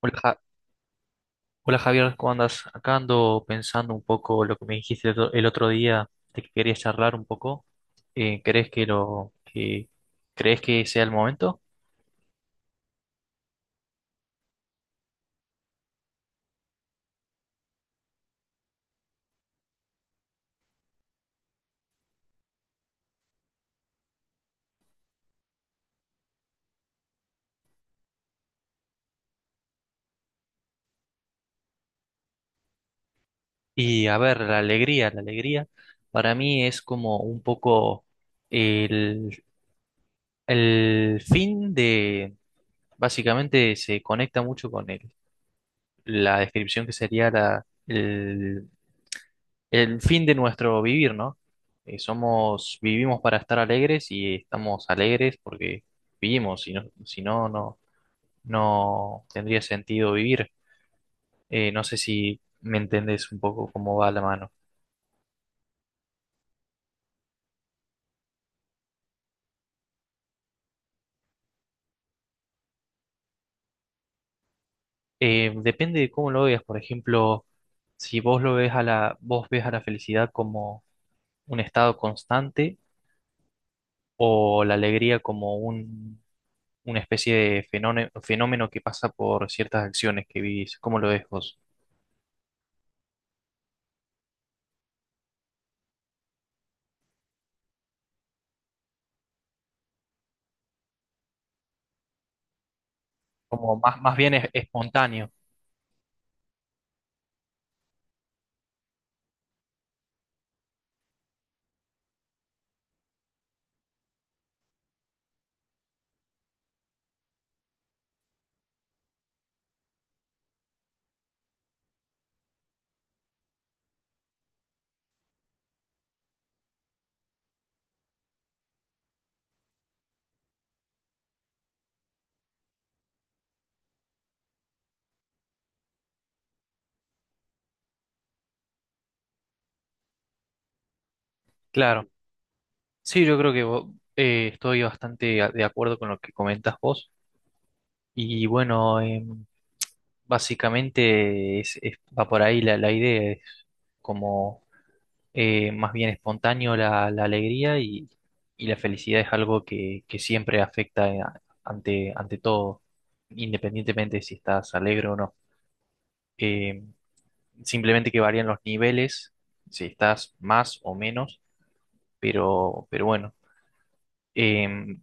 Hola, hola, Javier, ¿cómo andas? Acá ando pensando un poco lo que me dijiste el otro día, de que querías charlar un poco. ¿Crees que lo que crees que sea el momento? Y a ver, la alegría para mí es como un poco el, el fin de, básicamente se conecta mucho con la descripción que sería el fin de nuestro vivir, ¿no? Vivimos para estar alegres y estamos alegres porque vivimos, no tendría sentido vivir. No sé si me entendés un poco cómo va la mano. Depende de cómo lo veas, por ejemplo, si vos lo ves a la, vos ves a la felicidad como un estado constante o la alegría como una especie de fenómeno que pasa por ciertas acciones que vivís. ¿Cómo lo ves vos? Como más bien espontáneo. Claro. Sí, yo creo que estoy bastante de acuerdo con lo que comentas vos. Y bueno, básicamente va por ahí la idea, es como más bien espontáneo la alegría y la felicidad es algo que siempre afecta ante todo, independientemente de si estás alegre o no. Em, Simplemente que varían los niveles, si estás más o menos, pero bueno. Em,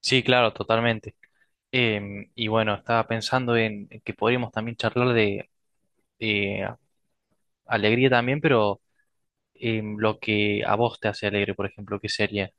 sí, claro, totalmente. Y bueno, estaba pensando en que podríamos también charlar de eh, alegría también, pero lo que a vos te hace alegre, por ejemplo, ¿qué sería?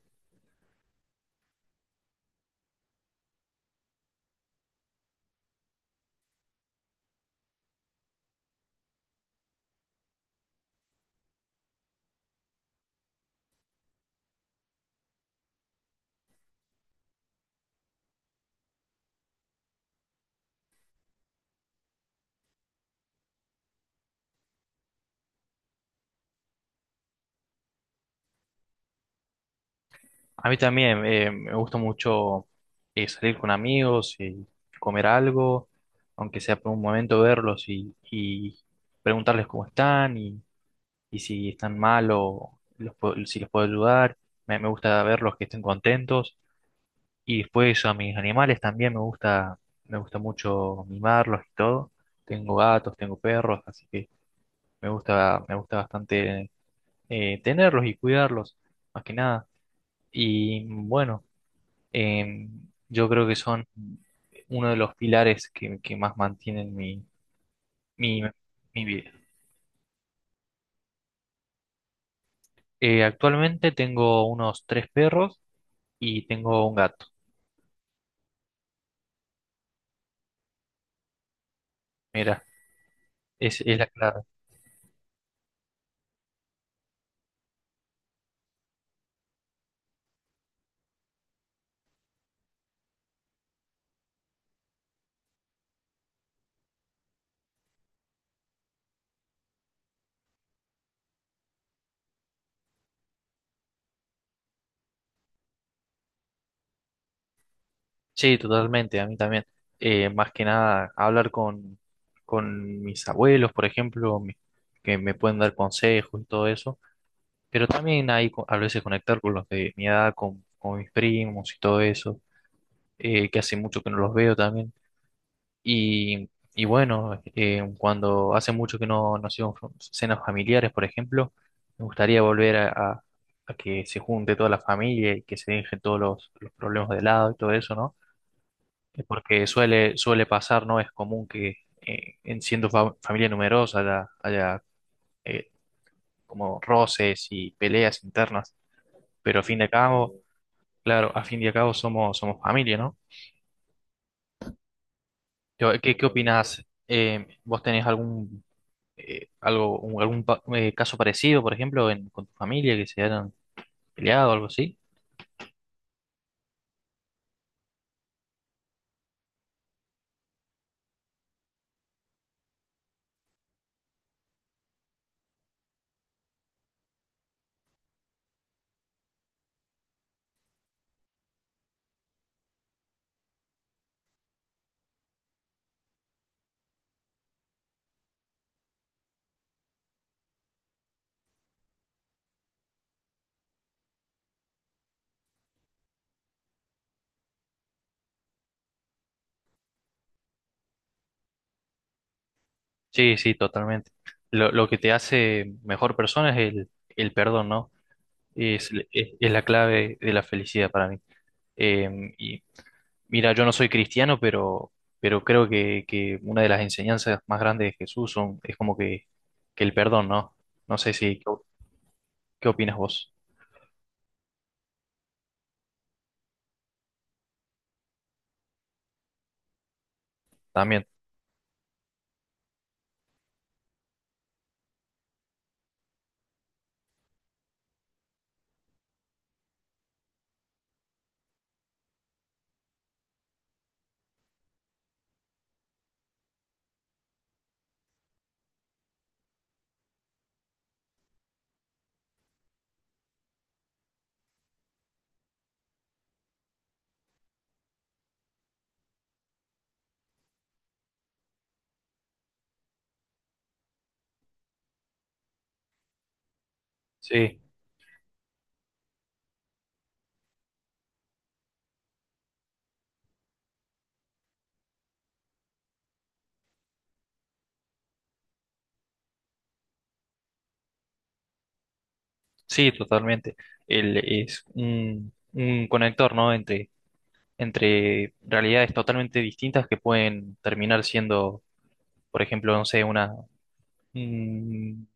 A mí también, me gusta mucho salir con amigos y comer algo, aunque sea por un momento verlos y preguntarles cómo están y si están mal o los si los puedo ayudar. Me gusta verlos que estén contentos. Y después a mis animales también me gusta mucho mimarlos y todo. Tengo gatos, tengo perros, así que me gusta bastante tenerlos y cuidarlos, más que nada. Y bueno, eh, yo creo que son uno de los pilares que más mantienen mi, mi vida. Actualmente tengo unos tres perros y tengo un gato. Mira, es la clave. Sí, totalmente, a mí también. Más que nada, hablar con mis abuelos, por ejemplo, que me pueden dar consejos y todo eso, pero también hay a veces conectar con los de mi edad, con mis primos y todo eso, que hace mucho que no los veo también. Y bueno, cuando hace mucho que no hacemos cenas familiares, por ejemplo, me gustaría volver a que se junte toda la familia y que se dejen todos los problemas de lado y todo eso, ¿no? Porque suele pasar, ¿no? Es común que familia numerosa haya eh, como roces y peleas internas, pero a fin de cabo, claro, a fin de cabo somos familia, ¿no? Yo, ¿qué, qué opinás? ¿Vos tenés algo, caso parecido, por ejemplo, con tu familia que se hayan peleado o algo así? Sí, sí, totalmente. Lo que te hace mejor persona es el perdón, ¿no? Es la clave de la felicidad para mí. Eh, y Mira, yo no soy cristiano, pero creo que una de las enseñanzas más grandes de Jesús es como que el perdón, ¿no? No sé si, ¿qué, qué opinas vos? También. Sí, sí, totalmente. Él es un conector, ¿no? Entre realidades totalmente distintas que pueden terminar siendo, por ejemplo, no sé, una, un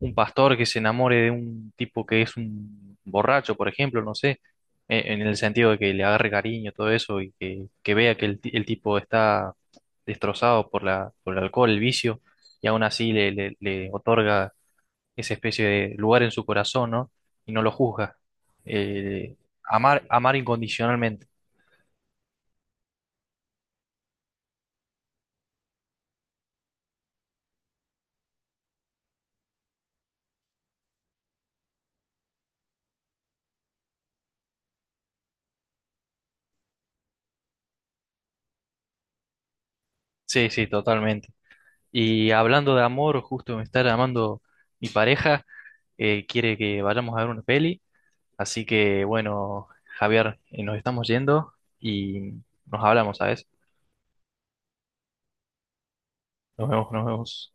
un pastor que se enamore de un tipo que es un borracho, por ejemplo, no sé, en el sentido de que le agarre cariño, todo eso, y que vea que el tipo está destrozado por por el alcohol, el vicio, y aún así le otorga esa especie de lugar en su corazón, ¿no? Y no lo juzga. Eh, Amar incondicionalmente. Sí, sí, totalmente. Y hablando de amor, justo me está llamando mi pareja, quiere que vayamos a ver una peli. Así que bueno, Javier, nos estamos yendo y nos hablamos, ¿sabes? Nos vemos, nos vemos.